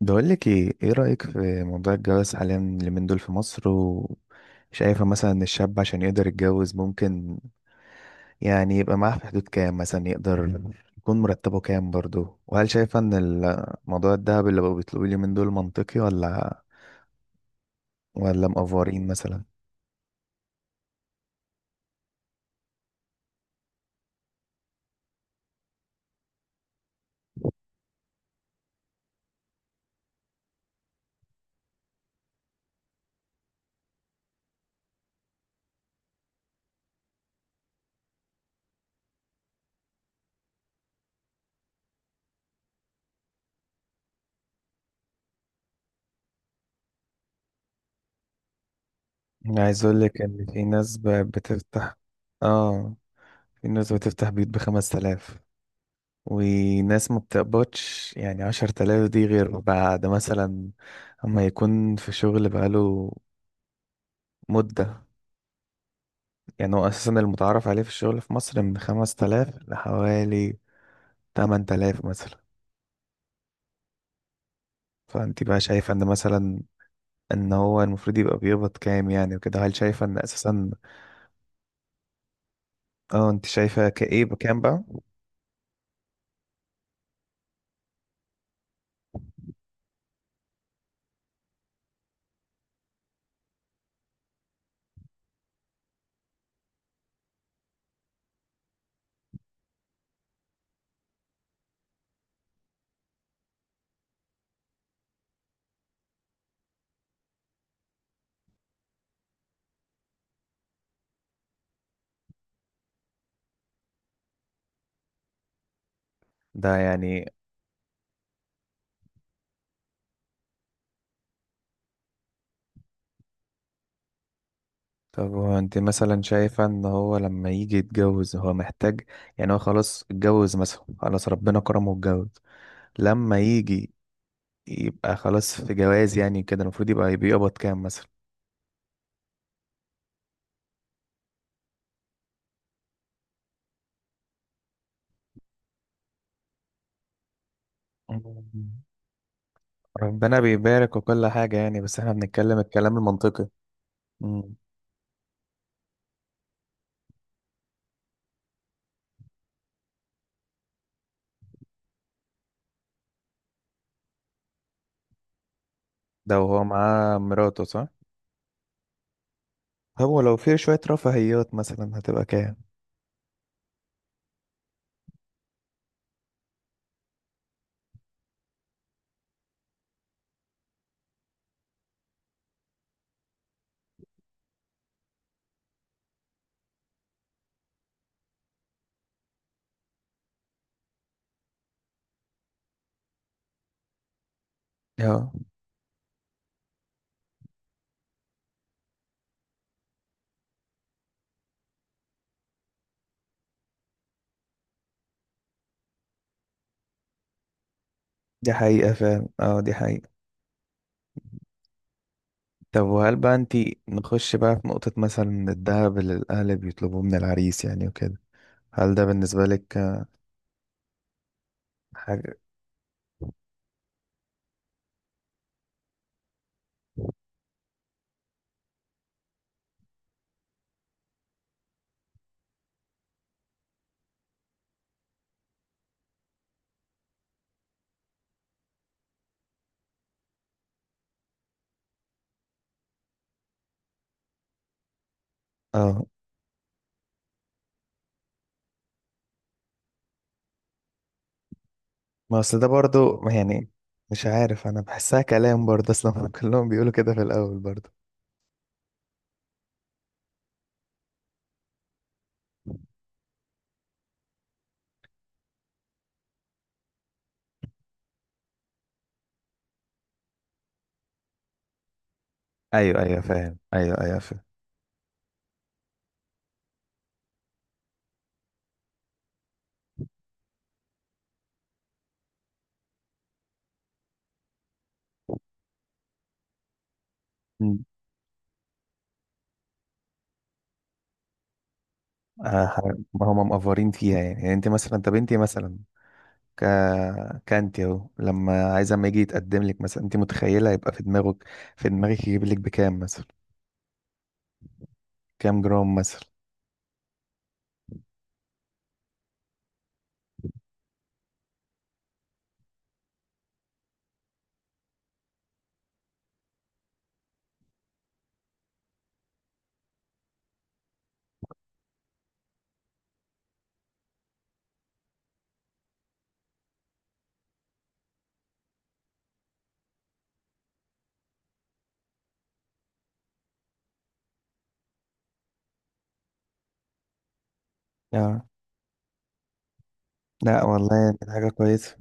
بقول لك ايه، ايه رأيك في موضوع الجواز حاليا، اليومين دول في مصر؟ وشايفة مثلا ان الشاب عشان يقدر يتجوز ممكن يعني يبقى معاه في حدود كام مثلا، يقدر يكون مرتبه كام برضه؟ وهل شايفة ان الموضوع الذهب اللي بقوا بيطلبوه اليومين دول منطقي، ولا مقفورين مثلا؟ أنا عايز اقول لك ان في ناس بتفتح. اه، في ناس بتفتح بيوت ب5 آلاف، وناس ما بتقبضش يعني 10 تلاف دي غير بعد مثلا اما يكون في شغل بقاله مدة. يعني هو أساسا المتعارف عليه في الشغل في مصر من 5 تلاف لحوالي 8 تلاف مثلا. فأنت بقى شايفة إن مثلا إن هو المفروض يبقى بيقبض كام يعني وكده؟ هل شايفة إن أساسا؟ اه، أنت شايفة كإيه بكام بقى؟ ده يعني طب هو أنت مثلا شايفة إن هو لما يجي يتجوز هو محتاج يعني، هو خلاص اتجوز مثلا، خلاص ربنا كرمه واتجوز، لما يجي يبقى خلاص في جواز يعني كده المفروض يبقى بيقبض كام مثلا؟ ربنا بيبارك وكل حاجة يعني، بس احنا بنتكلم الكلام المنطقي. مم. ده وهو معاه مراته، صح؟ هو لو في شوية رفاهيات مثلا هتبقى كام؟ اه، دي حقيقة فعلا، اه دي حقيقة. طب وهل بقى انتي نخش بقى في نقطة مثلا الذهب اللي الأهل بيطلبوه من العريس يعني وكده، هل ده بالنسبة لك حاجة؟ اه، ما اصل ده برضو ما يعني، مش عارف، انا بحسها كلام برضه اصلا. كلهم بيقولوا كده في الاول برضه. ايوه ايوه فاهم، ايوه ايوه فاهم. مم. آه، ح- ما هم مقفرين فيها يعني. يعني انت مثلا، طب انت مثلا ك كانت اهو لما عايز اما يجي يتقدم لك مثلا، انت متخيله يبقى في دماغك، في دماغك يجيب لك بكام مثلا؟ كام جرام مثلا؟ اه، لا والله كانت حاجة كويسة.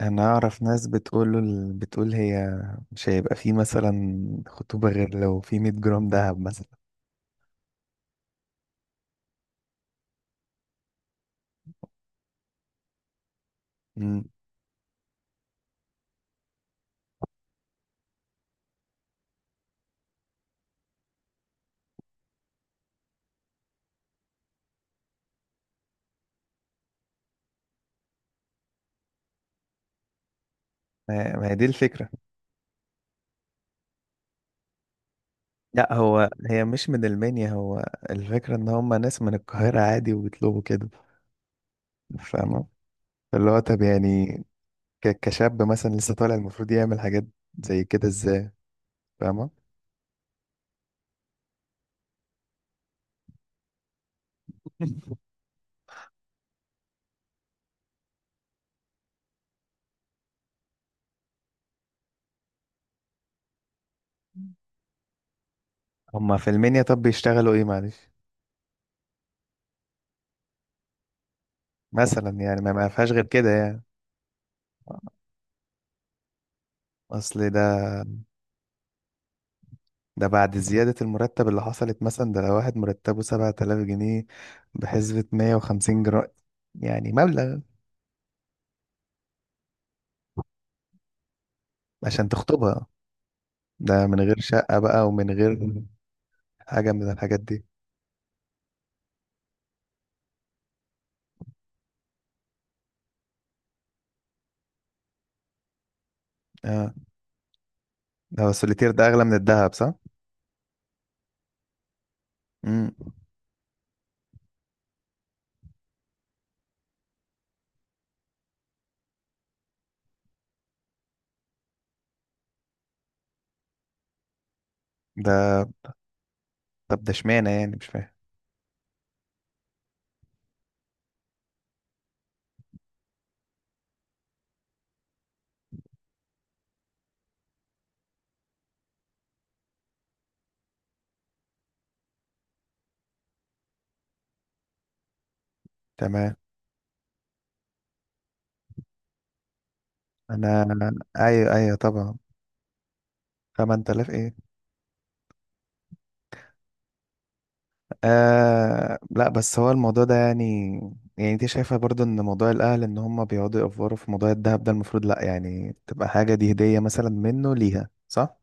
انا اعرف ناس بتقول له، بتقول هي مش هيبقى في مثلا خطوبه غير لو في 100 جرام دهب مثلا. ما هي دي الفكرة. لا، هو هي مش من المنيا، هو الفكرة ان هم ناس من القاهرة عادي وبيطلبوا كده، فاهمة؟ فاللي هو طب يعني كشاب مثلا لسه طالع، المفروض يعمل حاجات زي كده ازاي؟ فاهمة؟ هم في المنيا طب بيشتغلوا ايه معلش؟ مثلا يعني ما فيهاش غير كده يعني؟ اصل ده، ده بعد زيادة المرتب اللي حصلت مثلا، ده لو واحد مرتبه 7 آلاف جنيه بحسبة 150 جرام، يعني مبلغ عشان تخطبها، ده من غير شقة بقى ومن غير حاجة من الحاجات دي. اه، ده السوليتير ده أغلى من الذهب، صح؟ امم، ده طب ده اشمعنى يعني؟ مش فاهم. تمام. أنا أيوه أيوه طبعا. 8000 إيه؟ آه، لا بس هو الموضوع ده يعني، يعني أنت شايفة برضو إن موضوع الأهل إن هم بيقعدوا يأفوروا في موضوع الذهب ده المفروض لا، يعني تبقى حاجة دي هدية مثلا منه ليها، صح؟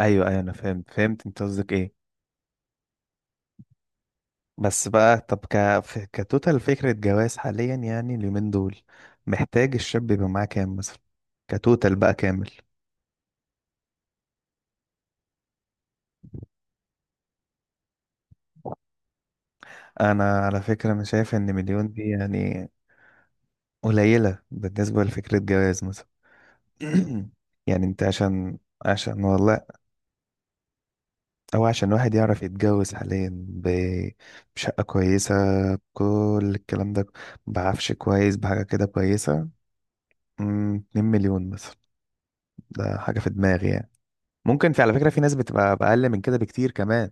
أيوه أيوه، أنا فهمت فهمت أنت قصدك إيه. بس بقى طب ك... ف- كتوتال فكرة جواز حاليا يعني اليومين دول، محتاج الشاب يبقى معاه كام مثلا كتوتال بقى كامل؟ انا على فكرة انا شايف ان مليون دي يعني قليلة بالنسبة لفكرة جواز مثلا. يعني انت عشان، والله او عشان واحد يعرف يتجوز حاليا بشقة كويسة، بكل الكلام ده، بعفش كويس، بحاجة كده كويسة، مم، 2 مليون مثلا. ده حاجة في دماغي يعني. ممكن في، على فكرة، في ناس بتبقى بأقل من كده بكتير كمان.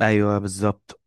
ايوه بالظبط،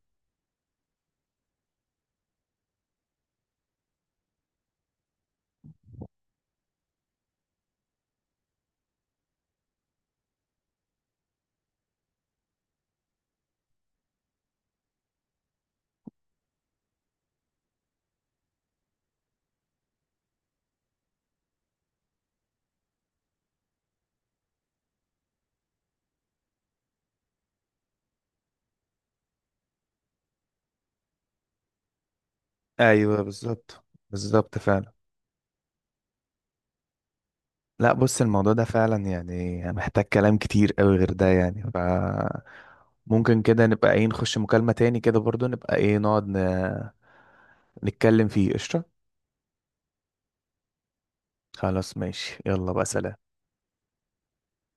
ايوه بالظبط بالظبط فعلا. لا بص، الموضوع ده فعلا يعني محتاج كلام كتير قوي غير ده. يعني ممكن كده نبقى ايه، نخش مكالمة تاني كده برضو، نبقى ايه، نتكلم فيه، قشطة؟ خلاص ماشي، يلا بقى، سلام.